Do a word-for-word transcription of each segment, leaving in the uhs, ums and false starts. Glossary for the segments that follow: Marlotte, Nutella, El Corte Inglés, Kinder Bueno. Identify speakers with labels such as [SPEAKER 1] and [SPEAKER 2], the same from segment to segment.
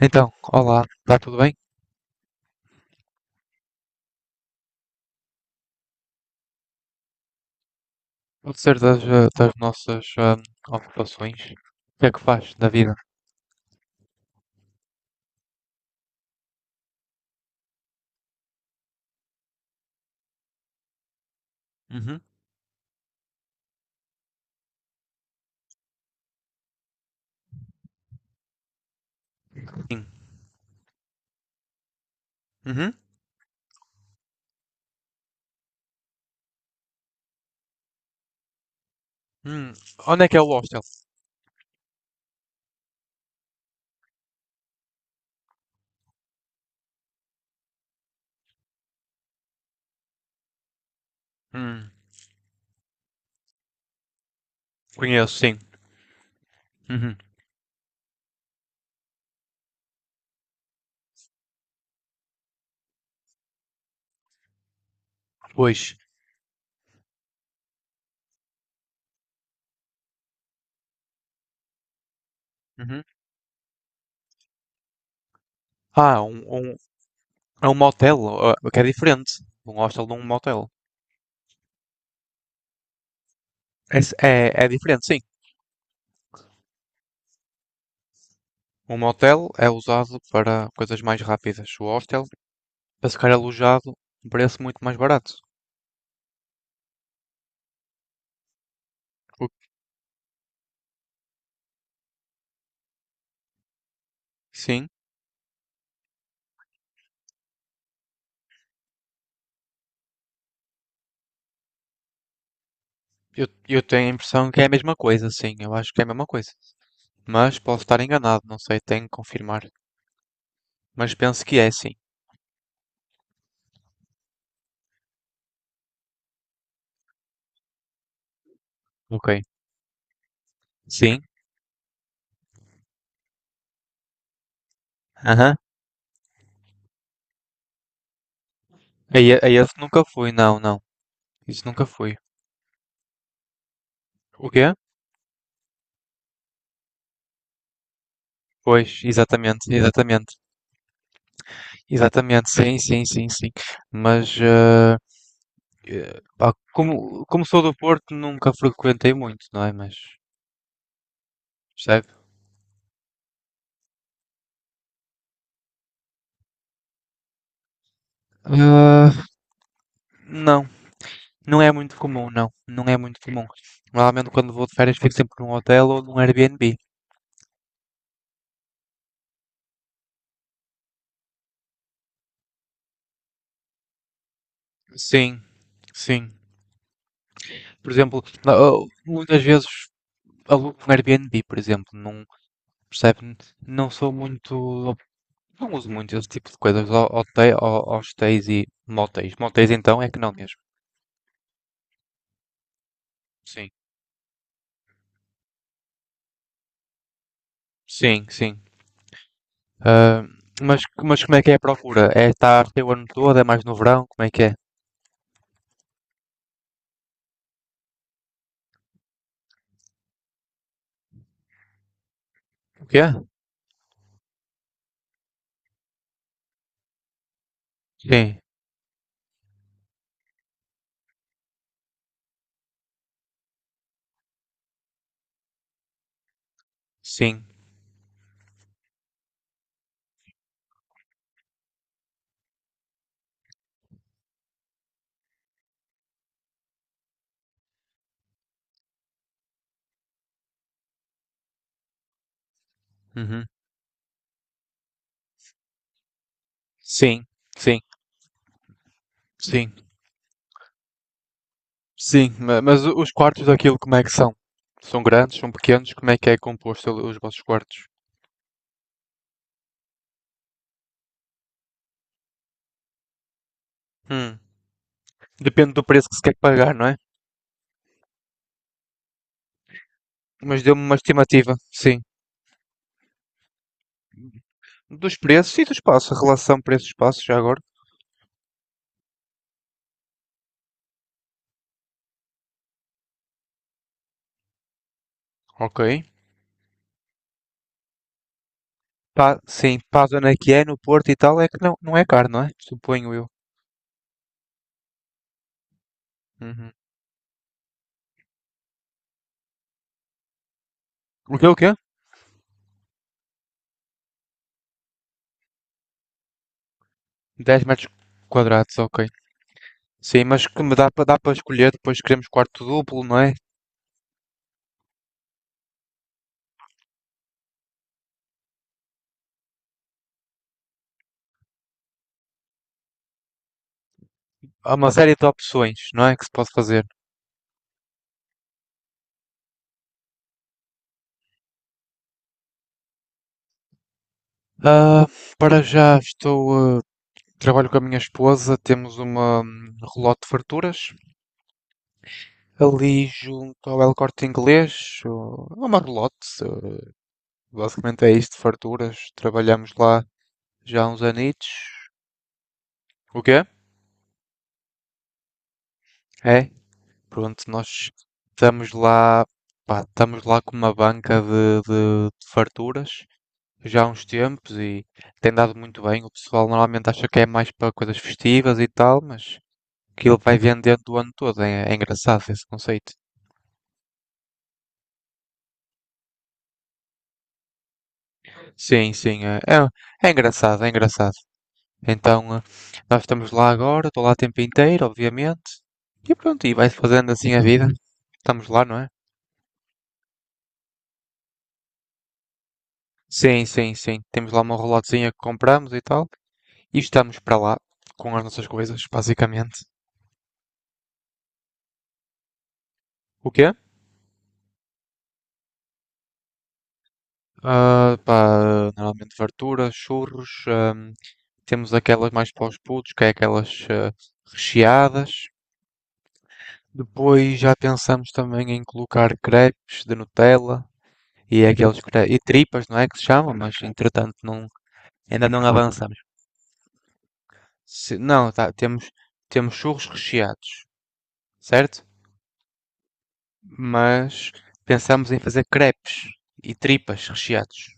[SPEAKER 1] Então, olá, está tudo bem? Pode ser das, eh, das nossas ahm, ocupações. O que é que faz da vida? Uhum. Sim. Uhum. Hum, onde é que é o hostel? Hum, Conheço, sim. Uhum. Pois. Uhum. Ah, um, um, é um motel, ah, que é diferente. Um hostel de um motel. É, s- é, é diferente, sim. Um motel é usado para coisas mais rápidas. O hostel, para ficar alojado, um preço muito mais barato. O- Sim, eu, eu tenho a impressão que é a mesma coisa, sim. Eu acho que é a mesma coisa. Mas posso estar enganado, não sei, tenho que confirmar. Mas penso que é sim. Ok. Sim? Aham. A e- a esse nunca fui, não, não. Isso nunca fui. O quê? Pois, exatamente, exatamente. Exatamente, sim, sim, sim, sim. Mas, eh, eh, pá, como, como sou do Porto, nunca frequentei muito, não é? Mas, percebe? Ah, não, não é muito comum, não. Não é muito comum. Normalmente quando vou de férias fico sempre num hotel ou num Airbnb. Sim, sim. Por exemplo, na- ah, muitas vezes alugo um Airbnb, por exemplo, não percebe, não sou muito, não uso muito esse tipo de coisas, ho- hotel, ho- hostéis e motéis. Motéis então é que não mesmo. Sim, sim, sim. Ah, mas, mas como é que é a procura? É estar o ano todo? É mais no verão? Como é que é? O quê? Sim, sim, uhum. Sim, sim, sim, sim. Ma- Mas os quartos daquilo como é que são? São grandes? São pequenos? Como é que é composto os vossos quartos? Hum. Depende do preço que se quer pagar, não é? Mas deu-me uma estimativa, sim. Dos preços e do espaço, a relação preço-espaço, já agora. Ok. Pá, sim, para a zona que é, no Porto e tal, é que não, não é caro, não é? Suponho eu. Uhum. O quê, o quê? Dez metros quadrados, ok. Sim, mas que me dá para dá para escolher, depois queremos quarto duplo, não é? Há uma série de opções, não é? Que se pode fazer. Ah, para já estou, ah, trabalho com a minha esposa, temos uma hum, relote de farturas, ali junto ao El Corte Inglês, ou ao Marlotte, eh, basicamente é isto, farturas, trabalhamos lá já há uns anitos. O quê? É, pronto, nós estamos lá, pá, estamos lá com uma banca de, de- de farturas já há uns tempos e tem dado muito bem. O pessoal normalmente acha que é mais para coisas festivas e tal, mas aquilo vai vendendo o ano todo, é, é engraçado esse conceito. Sim, sim, é, é é engraçado, é engraçado. Então, eh, nós estamos lá agora, estou lá o tempo inteiro, obviamente. E pronto, e vai-se fazendo assim a vida. Estamos lá, não é? Sim, sim, sim. Temos lá uma relotezinha que compramos e tal. E estamos para lá com as nossas coisas, basicamente. O quê? Ah, pá, normalmente fartura, churros. Ahm, temos aquelas mais para os putos, que é aquelas ah, recheadas. Depois já pensamos também em colocar crepes de Nutella e aqueles cre- e tripas, não é que se chama, mas entretanto não, ainda não avançamos. Se- não, tá, temos, temos churros recheados, certo? Mas pensamos em fazer crepes e tripas recheados.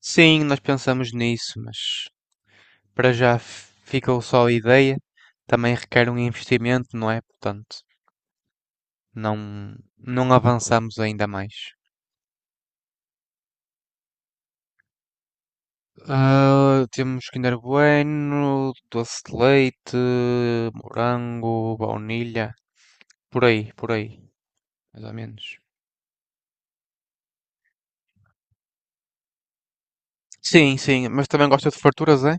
[SPEAKER 1] Sim, nós pensamos nisso, mas para já f- ficou só a ideia. Também requer um investimento, não é? Portanto, não, não avançamos ainda mais. Ah, temos Kinder Bueno, doce de leite, morango, baunilha, por aí, por aí, mais ou menos. Sim, sim, mas também gosta de farturas, é?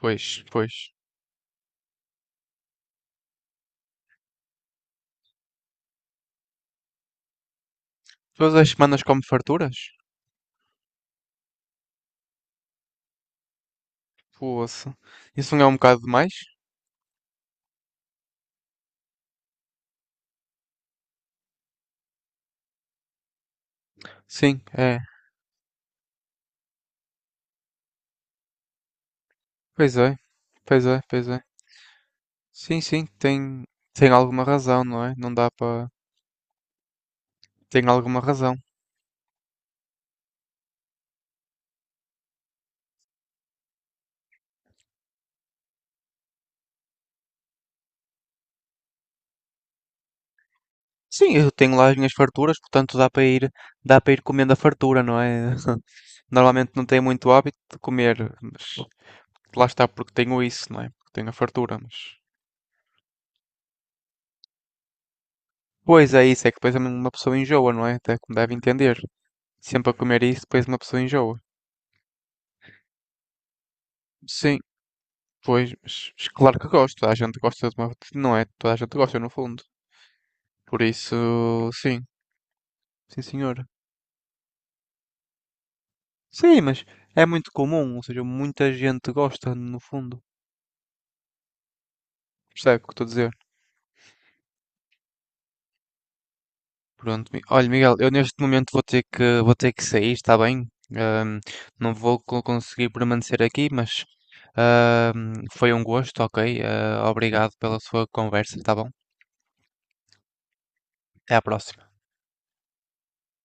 [SPEAKER 1] Pois, pois. Todas as semanas come farturas? Poxa, isso não é um bocado demais? Sim, é. Pois é, pois é, pois é. Sim, sim, tem, tem alguma razão, não é? Não dá para. Tem alguma razão. Sim, eu tenho lá as minhas farturas, portanto dá para ir, dá para ir comendo a fartura, não é? Normalmente não tenho muito hábito de comer, mas lá está porque tenho isso, não é? Porque tenho a fartura, mas. Pois é, isso é que depois uma pessoa enjoa, não é? Até como deve entender. Sempre a comer isso, depois uma pessoa enjoa. Sim, pois, mas, mas claro que gosto. Toda a gente gosta de uma. Não é? Toda a gente gosta, no fundo. Por isso, sim, sim, senhora. Sim, mas é muito comum, ou seja, muita gente gosta, no fundo. Percebe o que estou a dizer? Pronto, Mi- olha, Miguel, eu neste momento vou ter que, vou ter que sair, está bem? Ahm, não vou co- conseguir permanecer aqui, mas ahm, foi um gosto, ok? Ah, obrigado pela sua conversa, está bom? Até à próxima.